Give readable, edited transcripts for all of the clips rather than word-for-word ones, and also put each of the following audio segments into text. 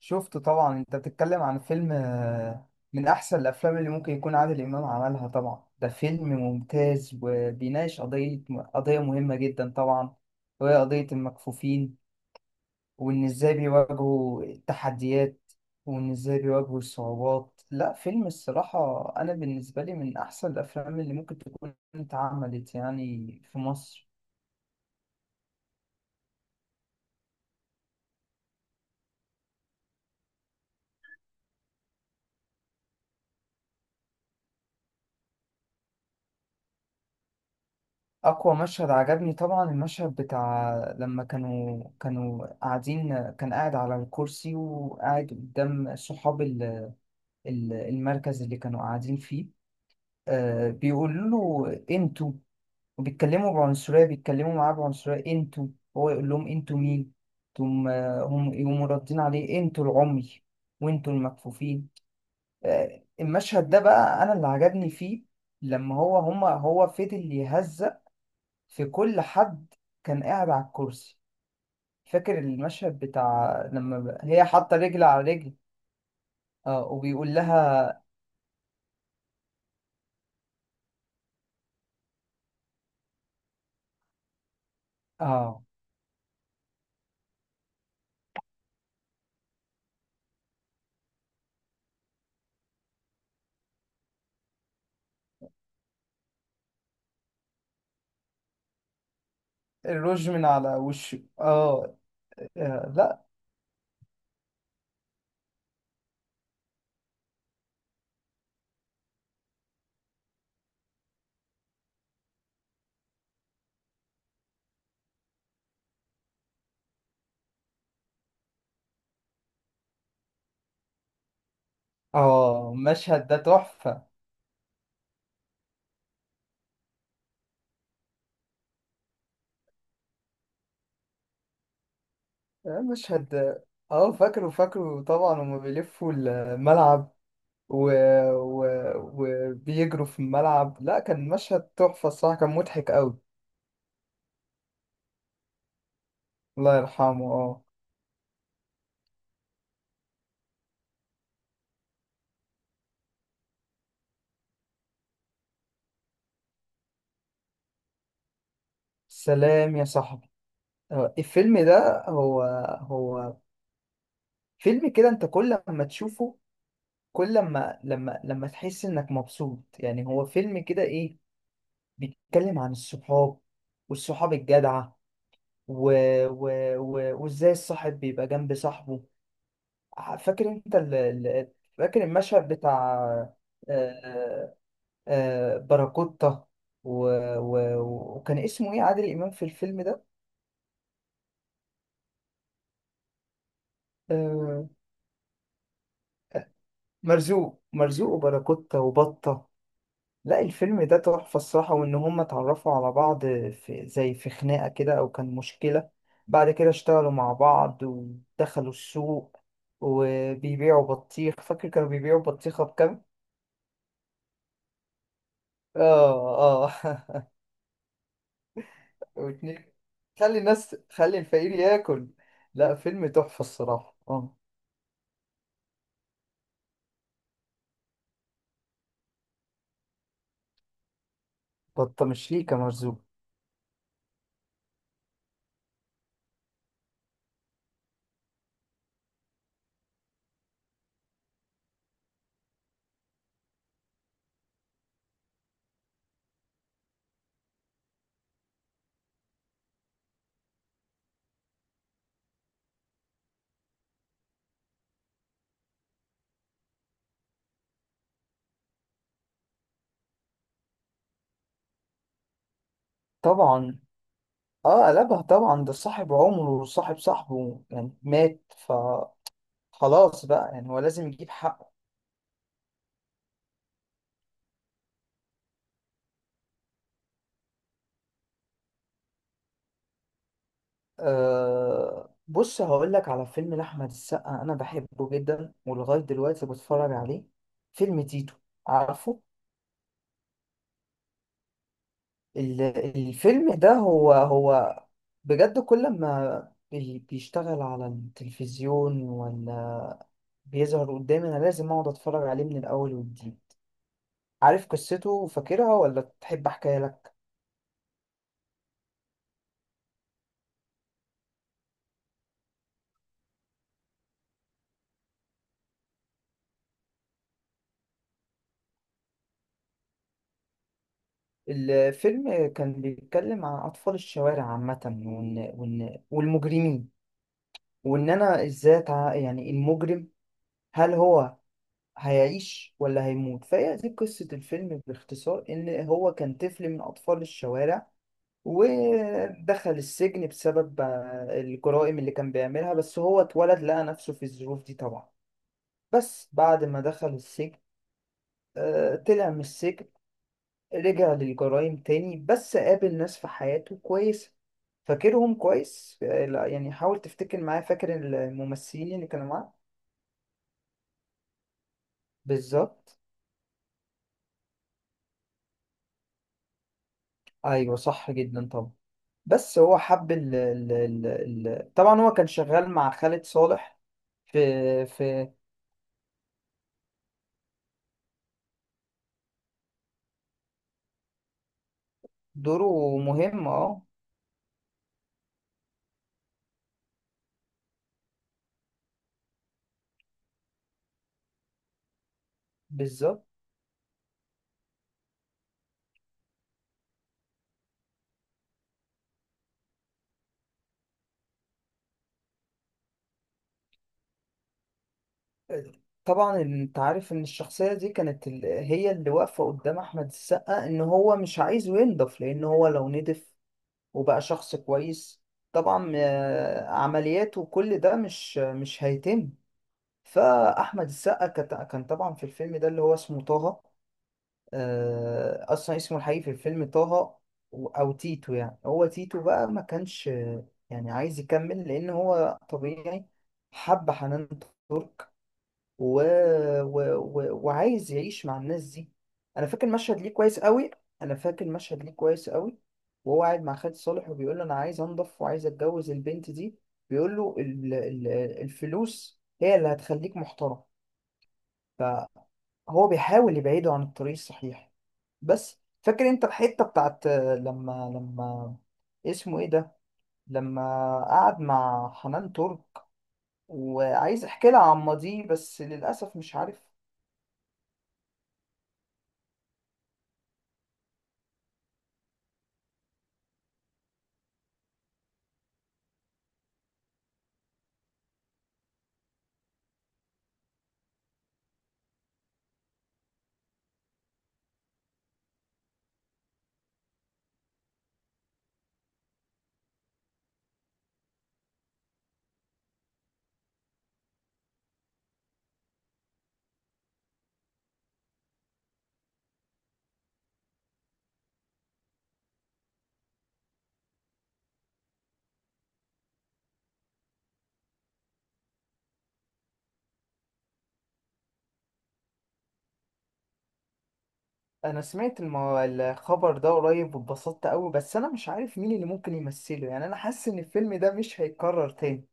شفت طبعا، انت بتتكلم عن فيلم. من احسن الافلام اللي ممكن يكون عادل امام عملها. طبعا ده فيلم ممتاز وبيناقش قضية مهمة جدا طبعا، وهي قضية المكفوفين، وان ازاي بيواجهوا التحديات، وان ازاي بيواجهوا الصعوبات. لا، فيلم الصراحة انا بالنسبة لي من احسن الافلام اللي ممكن تكون اتعملت يعني في مصر. أقوى مشهد عجبني طبعا المشهد بتاع لما كانوا قاعدين، كان قاعد على الكرسي وقاعد قدام صحاب المركز اللي كانوا قاعدين فيه. آه، بيقولوا له: انتوا، وبيتكلموا بعنصرية، بيتكلموا معاه بعنصرية: انتوا. هو يقول لهم: انتوا مين؟ تم، هم يقوموا ردين عليه: انتوا العمي وانتوا المكفوفين. آه، المشهد ده بقى أنا اللي عجبني فيه، لما هو فضل يهزأ في كل حد، كان قاعد على الكرسي. فاكر المشهد بتاع لما هي حاطة رجل على رجل. اه، وبيقول لها. اه، الروج من على وشه. اه. لا. اه، المشهد ده تحفة. المشهد، اه، فاكره، فاكره طبعا. هما بيلفوا الملعب و... و... وبيجروا في الملعب. لا، كان مشهد تحفة الصراحة، كان مضحك قوي. الله يرحمه، اه. سلام يا صاحبي. الفيلم ده هو فيلم كده، انت كل ما تشوفه، كل ما لما تحس انك مبسوط، يعني هو فيلم كده، ايه، بيتكلم عن الصحاب والصحاب الجدعة و... و... وازاي الصاحب بيبقى جنب صاحبه. فاكر انت فاكر المشهد بتاع. آه، آه، باراكوتا، و... و... وكان اسمه ايه عادل امام في الفيلم ده؟ آه، مرزوق، مرزوق وباراكوتا وبطة. لا، الفيلم ده تحفة الصراحة، وإن هما اتعرفوا على بعض في زي في خناقة كده أو كان مشكلة، بعد كده اشتغلوا مع بعض ودخلوا السوق وبيبيعوا بطيخ. فاكر كانوا بيبيعوا بطيخة بكام؟ آه. آه. واتنين، خلي الناس، خلي الفقير ياكل. لا، فيلم تحفة الصراحة، آه. بطة مش ليكة مرزوق. طبعا. آه، قلبها طبعا، ده صاحب عمره وصاحب صاحبه يعني مات، فخلاص بقى يعني هو لازم يجيب حقه. أه، بص، هقول لك على فيلم لأحمد السقا، أنا بحبه جدا ولغاية دلوقتي بتفرج عليه. فيلم تيتو، عارفه. ال- الفيلم ده هو بجد، كل ما بيشتغل على التلفزيون ولا بيظهر قدامي أنا لازم أقعد أتفرج عليه من الأول والجديد. عارف قصته وفاكرها ولا تحب أحكيها لك؟ الفيلم كان بيتكلم عن أطفال الشوارع عامة، وإن والمجرمين، وان انا ازاي يعني المجرم، هل هو هيعيش ولا هيموت؟ فهي دي قصة الفيلم باختصار، إن هو كان طفل من أطفال الشوارع ودخل السجن بسبب الجرائم اللي كان بيعملها. بس هو اتولد، لقى نفسه في الظروف دي طبعا. بس بعد ما دخل السجن، طلع من السجن، رجع للجرائم تاني، بس قابل ناس في حياته كويسة. فاكرهم كويس؟ لا، يعني حاول تفتكر معايا. فاكر الممثلين اللي كانوا معاه؟ بالظبط. ايوه صح، جدا طبعا. بس هو حب ال ال ال ال طبعا هو كان شغال مع خالد صالح في في. دوره مهم، اه. بالظبط. طبعا انت عارف ان الشخصية دي كانت هي اللي واقفة قدام احمد السقا، ان هو مش عايزه ينضف، لان هو لو نضف وبقى شخص كويس طبعا، عملياته وكل ده مش هيتم. فاحمد السقا كان طبعا في الفيلم ده اللي هو اسمه طه. اصلا اسمه الحقيقي في الفيلم طه، او تيتو. يعني هو تيتو بقى ما كانش يعني عايز يكمل، لان هو طبيعي حب حنان ترك، و... وعايز يعيش مع الناس دي. انا فاكر مشهد ليه كويس قوي. انا فاكر مشهد ليه كويس قوي، وهو قاعد مع خالد صالح وبيقول له: انا عايز انضف وعايز اتجوز البنت دي. بيقول له: الفلوس هي اللي هتخليك محترم. فهو بيحاول يبعده عن الطريق الصحيح. بس فاكر انت الحته بتاعت، لما اسمه ايه ده، لما قعد مع حنان ترك وعايز احكي لها عن ماضيه، بس للاسف مش عارف. انا سمعت الخبر ده قريب واتبسطت قوي، بس انا مش عارف مين اللي ممكن يمثله. يعني انا حاسس ان الفيلم ده مش هيتكرر تاني.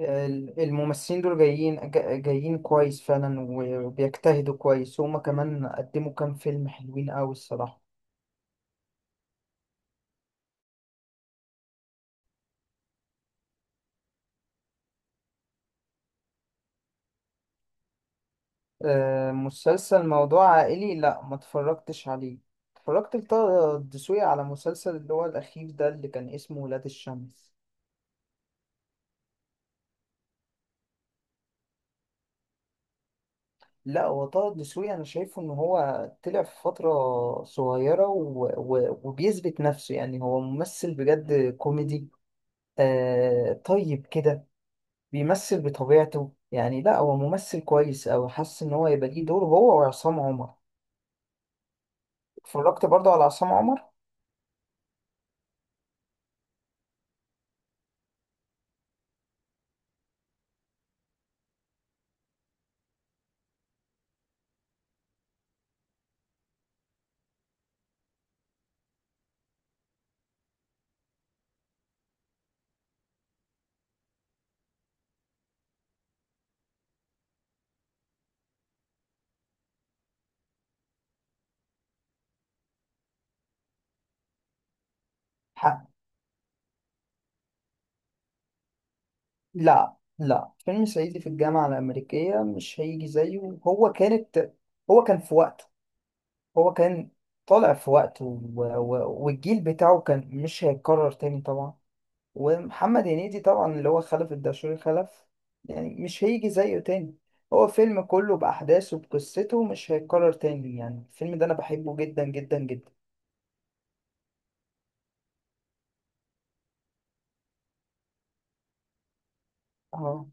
الممثلين دول جايين، جايين كويس فعلا، وبيجتهدوا كويس، وهما كمان قدموا كام فيلم حلوين قوي الصراحه. مسلسل موضوع عائلي لا، ما اتفرجتش عليه. اتفرجت لطه الدسوقي على مسلسل اللي هو الأخير ده اللي كان اسمه ولاد الشمس. لا، هو طه الدسوقي أنا شايفه إن هو طلع في فترة صغيرة وبيثبت نفسه، يعني هو ممثل بجد كوميدي، آه، طيب كده، بيمثل بطبيعته يعني. لا، هو ممثل كويس أوي، حاسس إن هو يبقى ليه دور هو وعصام عمر. اتفرجت برضه على عصام عمر. ح- لا، لا، فيلم صعيدي في الجامعة الأمريكية مش هيجي زيه. هو كانت، هو كان في وقته، هو كان طالع في وقته، والجيل بتاعه كان مش هيتكرر تاني طبعا. ومحمد هنيدي طبعا اللي هو خلف الدشوري خلف، يعني مش هيجي زيه تاني. هو فيلم كله بأحداثه بقصته مش هيتكرر تاني. يعني الفيلم ده أنا بحبه جدا جدا جدا. اه،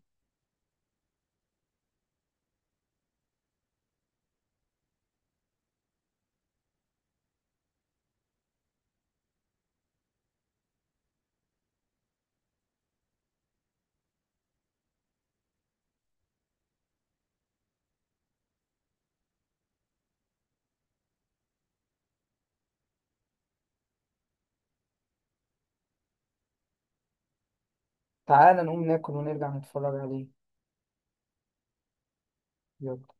تعالى نقوم ناكل ونرجع نتفرج عليه. يلا.